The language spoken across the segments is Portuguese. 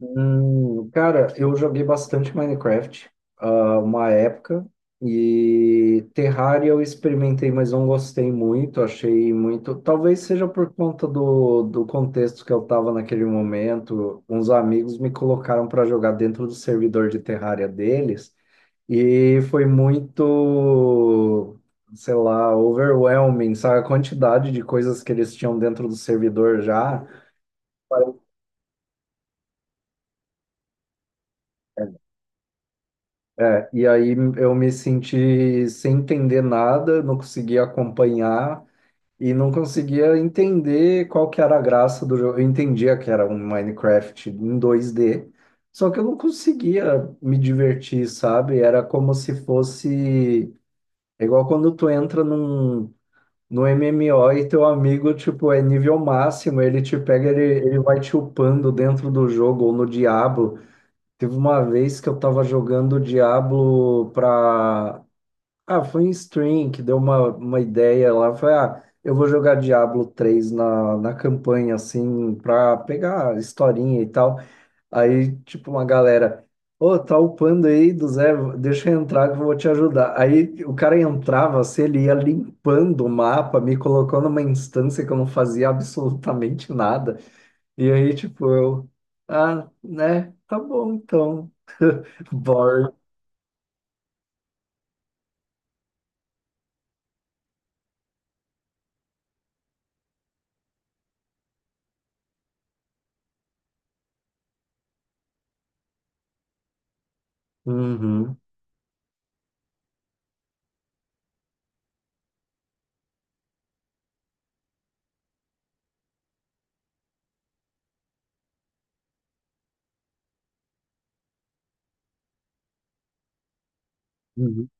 Cara, eu joguei bastante Minecraft, uma época, e Terraria eu experimentei, mas não gostei muito, achei muito. Talvez seja por conta do contexto que eu estava naquele momento. Uns amigos me colocaram para jogar dentro do servidor de Terraria deles, e foi muito, sei lá, overwhelming, sabe? A quantidade de coisas que eles tinham dentro do servidor já. É, e aí eu me senti sem entender nada, não conseguia acompanhar e não conseguia entender qual que era a graça do jogo. Eu entendia que era um Minecraft em 2D, só que eu não conseguia me divertir, sabe? Era como se fosse é igual quando tu entra num no MMO e teu amigo, tipo, é nível máximo, ele te pega, ele vai te upando dentro do jogo ou no Diablo. Teve uma vez que eu tava jogando Diablo pra. Foi em stream que deu uma ideia lá. Foi, eu vou jogar Diablo 3 na campanha, assim, pra pegar historinha e tal. Aí, tipo, uma galera, ô, tá upando aí do Zé, deixa eu entrar que eu vou te ajudar. Aí o cara entrava, assim, ele ia limpando o mapa, me colocou numa instância que eu não fazia absolutamente nada. E aí, tipo, eu. Ah, né? Tá bom, então. Boring. Uhum. Uhum.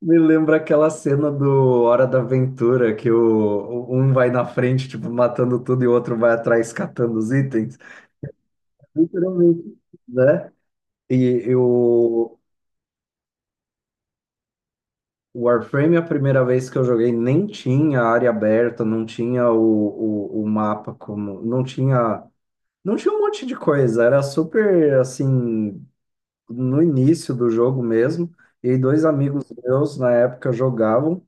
Me lembra aquela cena do Hora da Aventura, que um vai na frente, tipo, matando tudo, e o outro vai atrás catando os itens. Literalmente, né? E e o Warframe, a primeira vez que eu joguei, nem tinha área aberta, não tinha o mapa como. Não tinha. Não tinha um monte de coisa. Era super assim, no início do jogo mesmo. E dois amigos meus na época jogavam.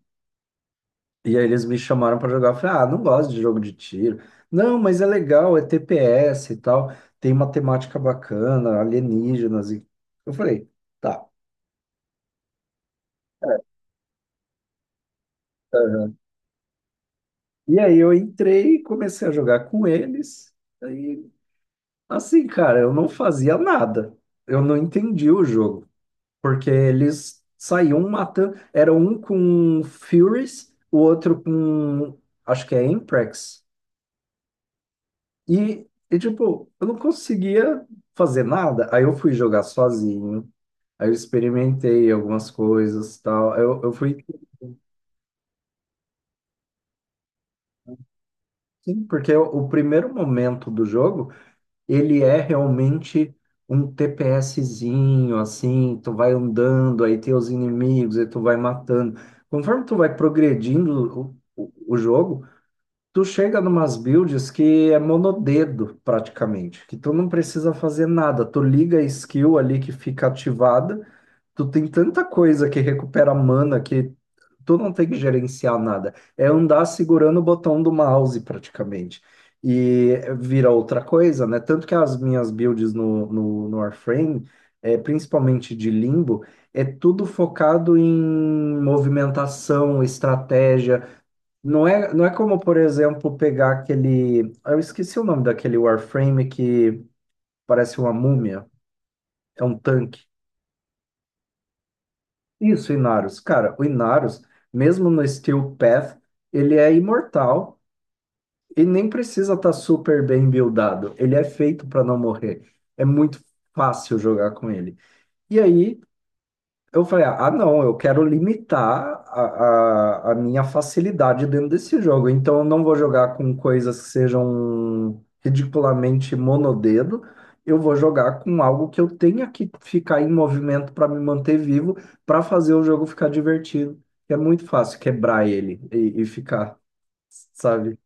E aí eles me chamaram pra jogar. Eu falei, ah, não gosto de jogo de tiro. Não, mas é legal, é TPS e tal, tem uma temática bacana, alienígenas. E... Eu falei, tá. E aí eu entrei e comecei a jogar com eles. Aí, assim, cara, eu não fazia nada. Eu não entendi o jogo, porque eles saíam matando. Era um com Furies, o outro com, acho que é Imprex. E, tipo, eu não conseguia fazer nada. Aí eu fui jogar sozinho. Aí eu experimentei algumas coisas, tal. Eu fui, sim, porque o primeiro momento do jogo, ele é realmente um TPSzinho, assim, tu vai andando, aí tem os inimigos, aí tu vai matando. Conforme tu vai progredindo o jogo, tu chega numas builds que é monodedo praticamente, que tu não precisa fazer nada. Tu liga a skill ali que fica ativada, tu tem tanta coisa que recupera mana que tu não tem que gerenciar nada. É andar segurando o botão do mouse praticamente. E vira outra coisa, né? Tanto que as minhas builds no Warframe, é, principalmente de Limbo, é tudo focado em movimentação, estratégia, não é como, por exemplo, pegar aquele. Eu esqueci o nome daquele Warframe que parece uma múmia, é um tanque. Isso, o Inarus. Cara, o Inarus, mesmo no Steel Path, ele é imortal e nem precisa estar super bem buildado. Ele é feito para não morrer. É muito fácil jogar com ele. E aí, eu falei, não, eu quero limitar a minha facilidade dentro desse jogo. Então, eu não vou jogar com coisas que sejam ridiculamente monodedo. Eu vou jogar com algo que eu tenha que ficar em movimento para me manter vivo, para fazer o jogo ficar divertido. É muito fácil quebrar ele e ficar, sabe?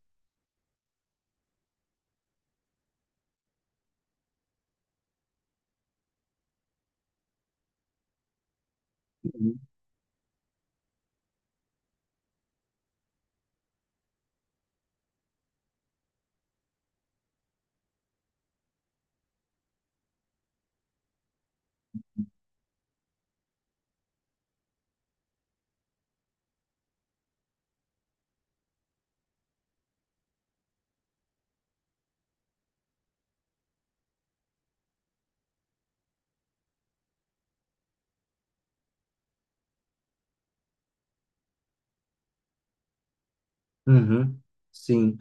Uhum, sim.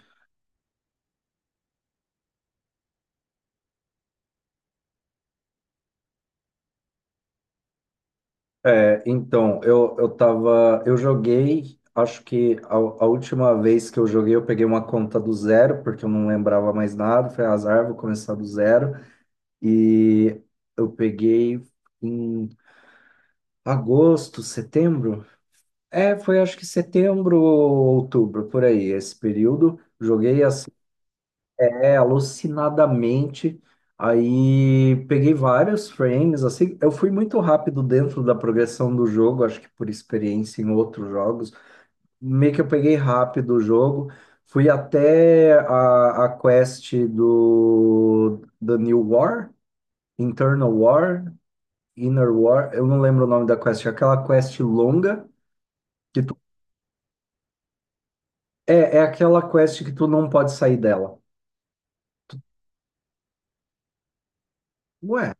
É, então, eu tava, eu joguei, acho que a última vez que eu joguei eu peguei uma conta do zero, porque eu não lembrava mais nada, foi azar, vou começar do zero, e eu peguei em agosto, setembro, é, foi acho que setembro ou outubro, por aí, esse período, joguei assim é, alucinadamente. Aí peguei vários frames, assim, eu fui muito rápido dentro da progressão do jogo, acho que por experiência em outros jogos. Meio que eu peguei rápido o jogo, fui até a quest do The New War, Internal War, Inner War, eu não lembro o nome da quest, é aquela quest longa que tu, é aquela quest que tu não pode sair dela. Ué,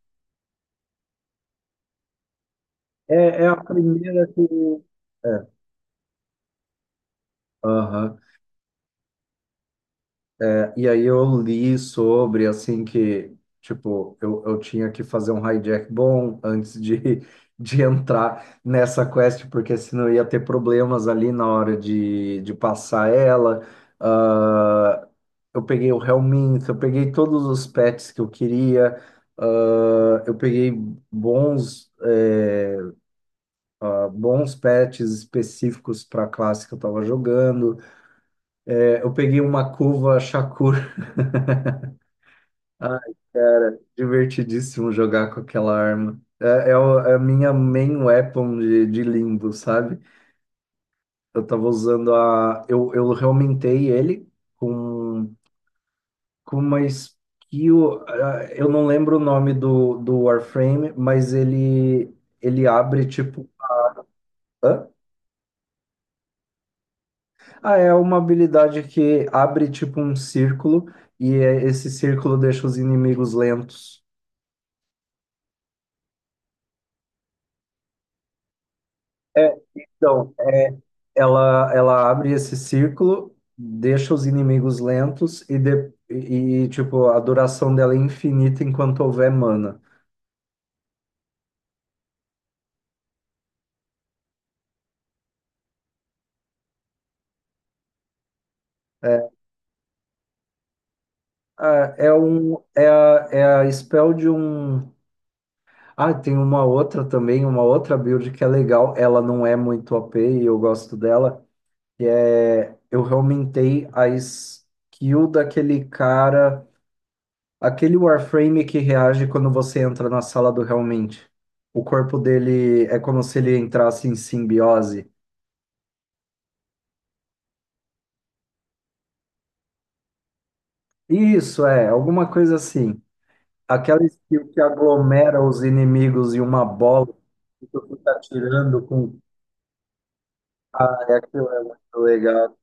é, é a primeira que. É, aham. E aí eu li sobre, assim, que, tipo, eu tinha que fazer um hijack bom antes de, de entrar nessa quest, porque senão eu ia ter problemas ali na hora de passar ela. Ah, eu peguei o Helminth, eu peguei todos os pets que eu queria, eu peguei bons, eh, bons pets específicos para a classe que eu estava jogando. Eu peguei uma curva Shakur. Divertidíssimo jogar com aquela arma. É a minha main weapon de limbo, sabe? Eu tava usando a. Eu reaumentei ele com, com uma skill. Eu não lembro o nome do Warframe, mas ele abre tipo. Hã? Ah, é uma habilidade que abre tipo um círculo e esse círculo deixa os inimigos lentos. É, então. Ela abre esse círculo, deixa os inimigos lentos e, tipo, a duração dela é infinita enquanto houver mana. É a spell de um. Tem uma outra também, uma outra build que é legal. Ela não é muito OP e eu gosto dela. Que é. Eu aumentei a skill daquele cara. Aquele Warframe que reage quando você entra na sala do realmente. O corpo dele é como se ele entrasse em simbiose. Isso é, alguma coisa assim. Aquela skill que aglomera os inimigos em uma bola que tu fica atirando com. Aí aquilo é muito legal.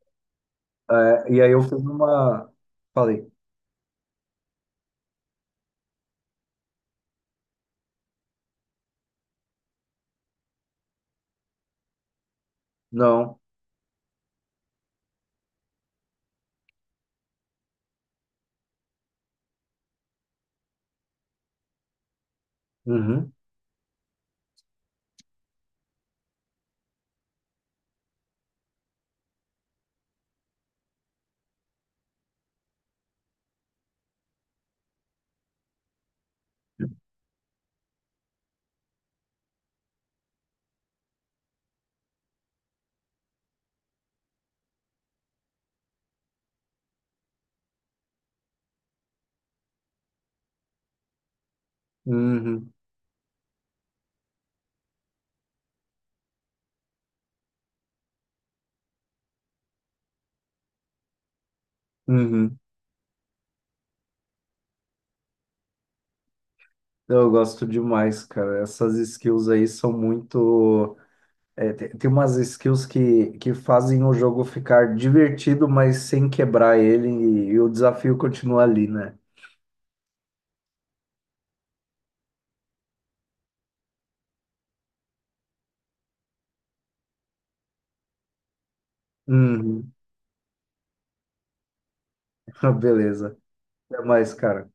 É, e aí eu fiz uma. Falei, não. Uhum, uhum, uhum. Eu gosto demais, cara. Essas skills aí são muito. É, tem, umas skills que fazem o jogo ficar divertido, mas sem quebrar ele, e o desafio continua ali, né? Uhum. Beleza. Até mais, cara.